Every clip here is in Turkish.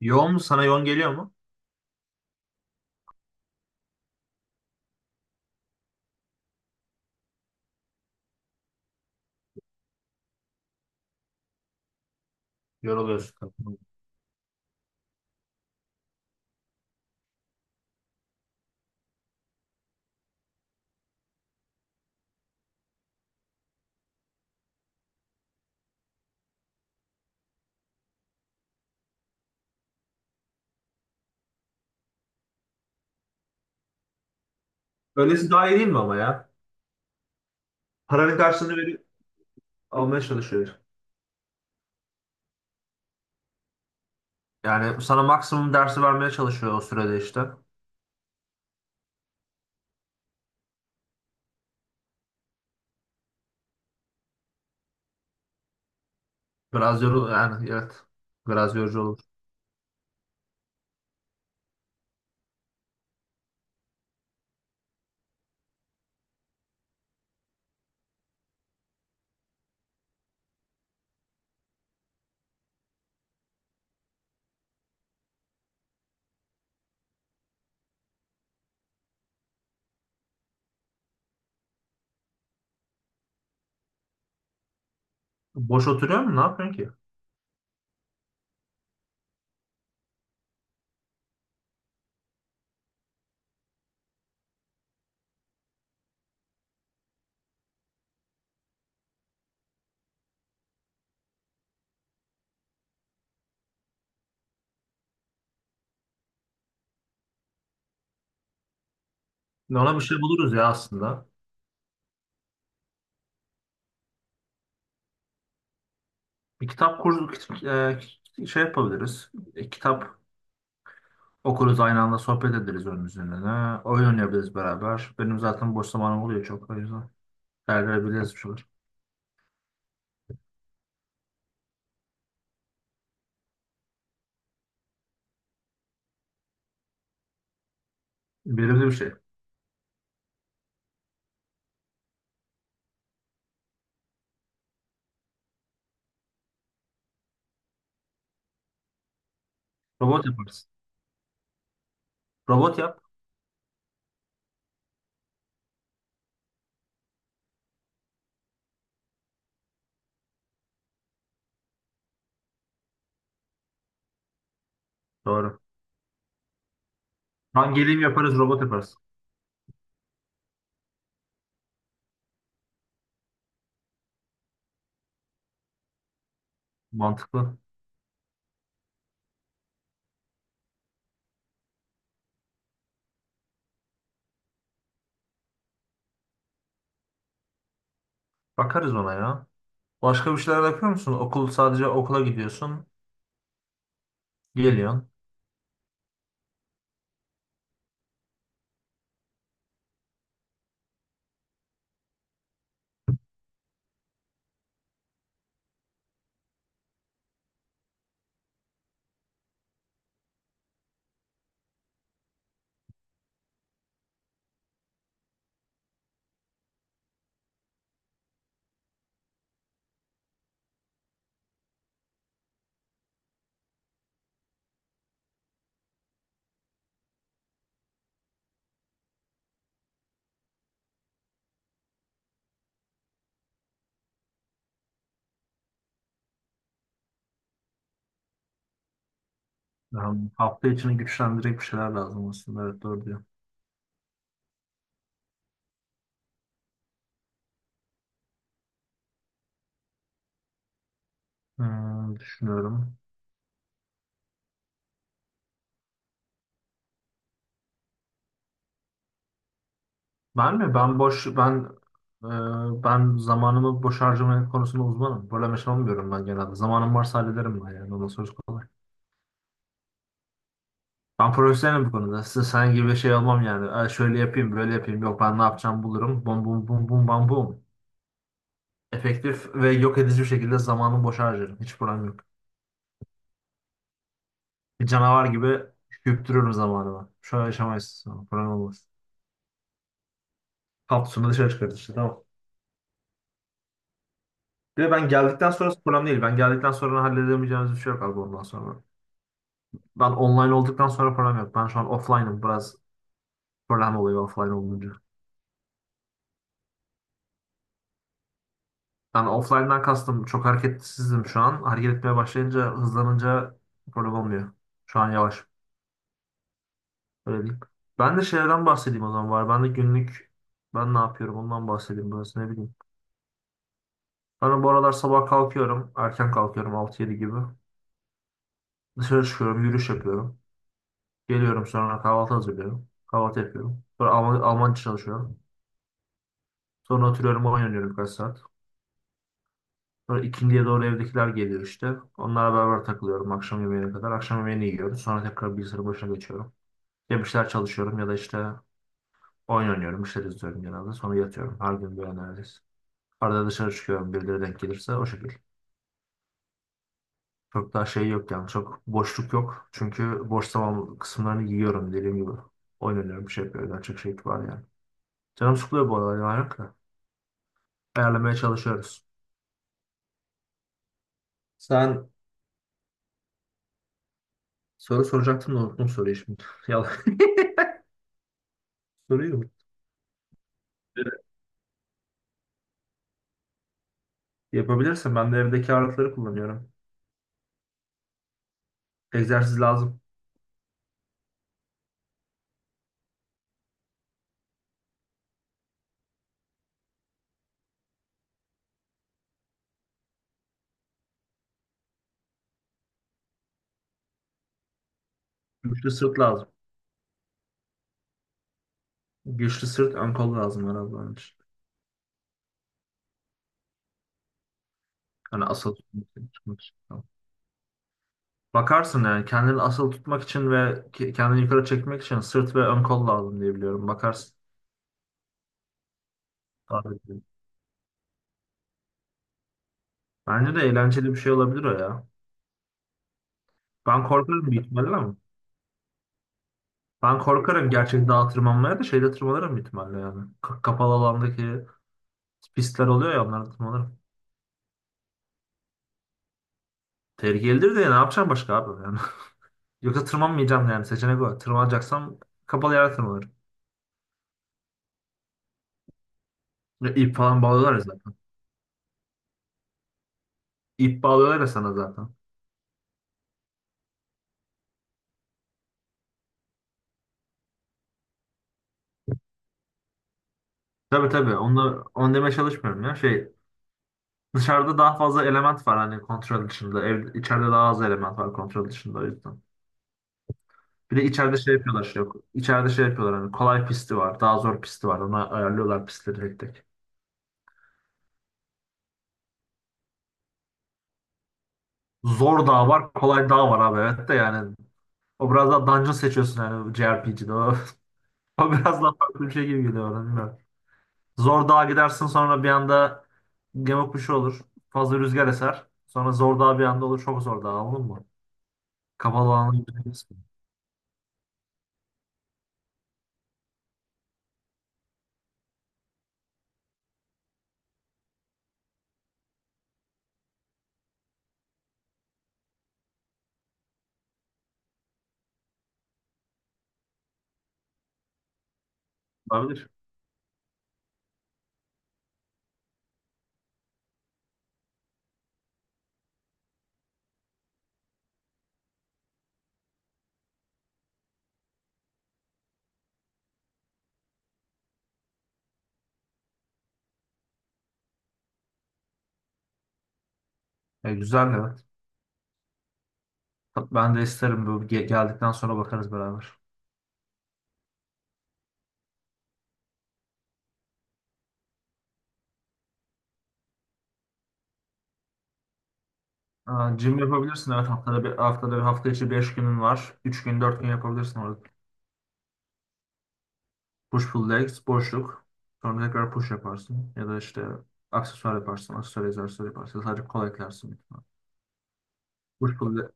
Yoğun mu? Sana yoğun geliyor mu? Yoruluyorsun. Öylesi daha iyi değil mi ama ya? Paranın karşılığını verip almaya çalışıyor. Yani sana maksimum dersi vermeye çalışıyor o sürede işte. Biraz yorul yani evet. Biraz yorucu olur. Boş oturuyor mu? Ne yapıyorsun ki? Ona bir şey buluruz ya aslında. Bir kitap kurdu şey yapabiliriz. Kitap okuruz aynı anda sohbet ederiz onun üzerine. Oyun oynayabiliriz beraber. Benim zaten boş zamanım oluyor çok o yüzden. Değerlendirebiliriz bir şeyler. Verimli bir şey. Robot yaparız. Robot yap. Doğru. Ben geleyim yaparız robot yaparız. Mantıklı. Bakarız ona ya. Başka bir şeyler yapıyor musun? Okul sadece okula gidiyorsun. Geliyorsun. Yani hafta içini güçlendirecek bir şeyler lazım aslında. Evet doğru diyor. Hmm, düşünüyorum. Ben mi? Ben zamanımı boş harcama konusunda uzmanım. Böyle şey olmuyorum ben genelde. Zamanım varsa hallederim ben yani. Ondan sonra kolay. Ben profesyonelim bu konuda. Size sen gibi şey olmam yani. "Aa, şöyle yapayım, böyle yapayım. Yok ben ne yapacağım bulurum. Bum bum bum bum bam bum. Efektif ve yok edici bir şekilde zamanımı boşa harcarım. Hiç problem yok. Bir canavar gibi küptürürüm zamanımı. Şu an yaşamayız. Tamam, problem olmaz. Kapsülünü dışarı çıkarır işte tamam. Bir de ben geldikten sonrası problem değil. Ben geldikten sonra halledemeyeceğimiz bir şey yok abi ondan sonra. Ben online olduktan sonra problem yok. Ben şu an offline'ım. Biraz problem oluyor offline olunca. Yani offline'dan kastım. Çok hareketsizim şu an. Hareket etmeye başlayınca, hızlanınca problem olmuyor. Şu an yavaş. Öylelik. Ben de şeylerden bahsedeyim o zaman var. Ben de günlük ben ne yapıyorum ondan bahsedeyim biraz ne bileyim. Ben bu aralar sabah kalkıyorum. Erken kalkıyorum 6-7 gibi. Dışarı çıkıyorum yürüyüş yapıyorum. Geliyorum sonra kahvaltı hazırlıyorum. Kahvaltı yapıyorum. Sonra Almanca çalışıyorum. Sonra oturuyorum oyun oynuyorum birkaç saat. Sonra ikindiye doğru evdekiler geliyor işte. Onlarla beraber takılıyorum akşam yemeğine kadar. Akşam yemeğini yiyoruz. Sonra tekrar bilgisayarın başına geçiyorum. Ya bir şeyler çalışıyorum ya da işte oyun oynuyorum. Bir şeyler izliyorum genelde. Sonra yatıyorum. Her gün böyle neredeyse. Arada dışarı çıkıyorum birileri denk gelirse o şekil. Çok daha şey yok yani çok boşluk yok. Çünkü boş zaman kısımlarını yiyorum dediğim gibi. Oyun oynuyorum bir şey yapıyorum. Daha çok şey var yani. Canım sıkılıyor bu aralar yalan yok da. Ayarlamaya çalışıyoruz. Sen soru soracaktın da unuttum soruyu şimdi. Yalan. Soruyu unuttum. Yapabilirsin. Ben de evdeki ağırlıkları kullanıyorum. Egzersiz lazım. Güçlü sırt lazım. Güçlü sırt ön kol lazım herhalde onun için. Hani asıl tutmak için. Bakarsın yani kendini asıl tutmak için ve kendini yukarı çekmek için sırt ve ön kol lazım diye biliyorum. Bakarsın. Sadece. Bence de eğlenceli bir şey olabilir o ya. Ben korkarım bir ihtimalle ama. Ben korkarım gerçek dağa tırmanmaya da şeyde tırmanırım bir ihtimalle yani. Kapalı alandaki pistler oluyor ya onlarda tırmanırım. Tehlikelidir de ne yapacağım başka abi yani. Yoksa tırmanmayacağım yani seçenek o. Tırmanacaksam kapalı yere tırmanırım. Ya İp falan bağlıyorlar ya zaten. İp bağlıyorlar ya sana zaten. Tabii tabii. Onu demeye çalışmıyorum ya. Şey, dışarıda daha fazla element var hani kontrol dışında. Ev, içeride daha az element var kontrol dışında o yüzden. Bir de içeride şey yapıyorlar şey yok. İçeride şey yapıyorlar hani kolay pisti var. Daha zor pisti var. Ona ayarlıyorlar pistleri tek tek. Zor dağ var. Kolay dağ var abi. Evet de yani. O biraz daha dungeon seçiyorsun yani JRPG'de. O, o biraz daha farklı bir şey gibi geliyor bana. Bilmiyorum. Zor dağa gidersin sonra bir anda gemi bir şey olur. Fazla rüzgar eser. Sonra zor dağ bir anda olur. Çok zor dağ anladın mı? Kapalı alana gidebilirsin. Olabilir. E, güzel evet. Ben de isterim bu geldikten sonra bakarız beraber. Aa, gym yapabilirsin evet haftada bir haftada bir hafta içi 5 günün var. 3 gün 4 gün yapabilirsin orada. Push pull legs boşluk. Sonra tekrar push yaparsın ya da işte aksesuar yaparsın, aksesuar egzersizi yaparsın. Sadece kol eklersin. Büyük ihtimal. Push pull leg.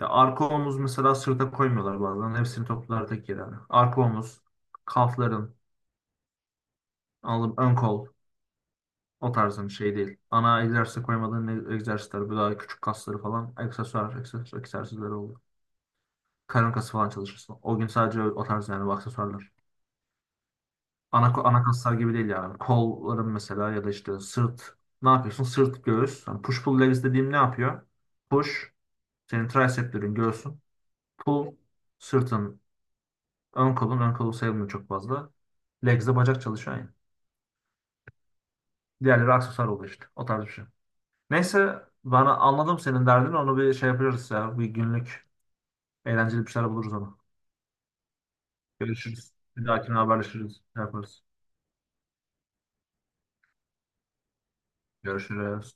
Ya arka omuz mesela sırta koymuyorlar bazen. Hepsini toplar tek yere. Yani. Arka omuz, kalfların, alın, ön kol o tarzın şey değil. Ana egzersize koymadığın egzersizler, bu daha küçük kasları falan aksesuar, aksesuar egzersizleri oluyor. Karın kası falan çalışırsın. O gün sadece o tarz yani bu aksesuarlar. Ana kaslar gibi değil yani. Kolların mesela ya da işte sırt. Ne yapıyorsun? Sırt, göğüs. Yani push pull legs dediğim ne yapıyor? Push, senin triceplerin, göğsün. Pull, sırtın, ön kolun. Ön kolu sayılmıyor çok fazla. Legs de bacak çalışıyor yani. Diğerleri aksesuar oluyor işte. O tarz bir şey. Neyse bana anladım senin derdini. Onu bir şey yapıyoruz ya. Bir günlük eğlenceli bir şeyler buluruz onu. Görüşürüz. Bir dahakine haberleşiriz. Şey yaparız. Görüşürüz.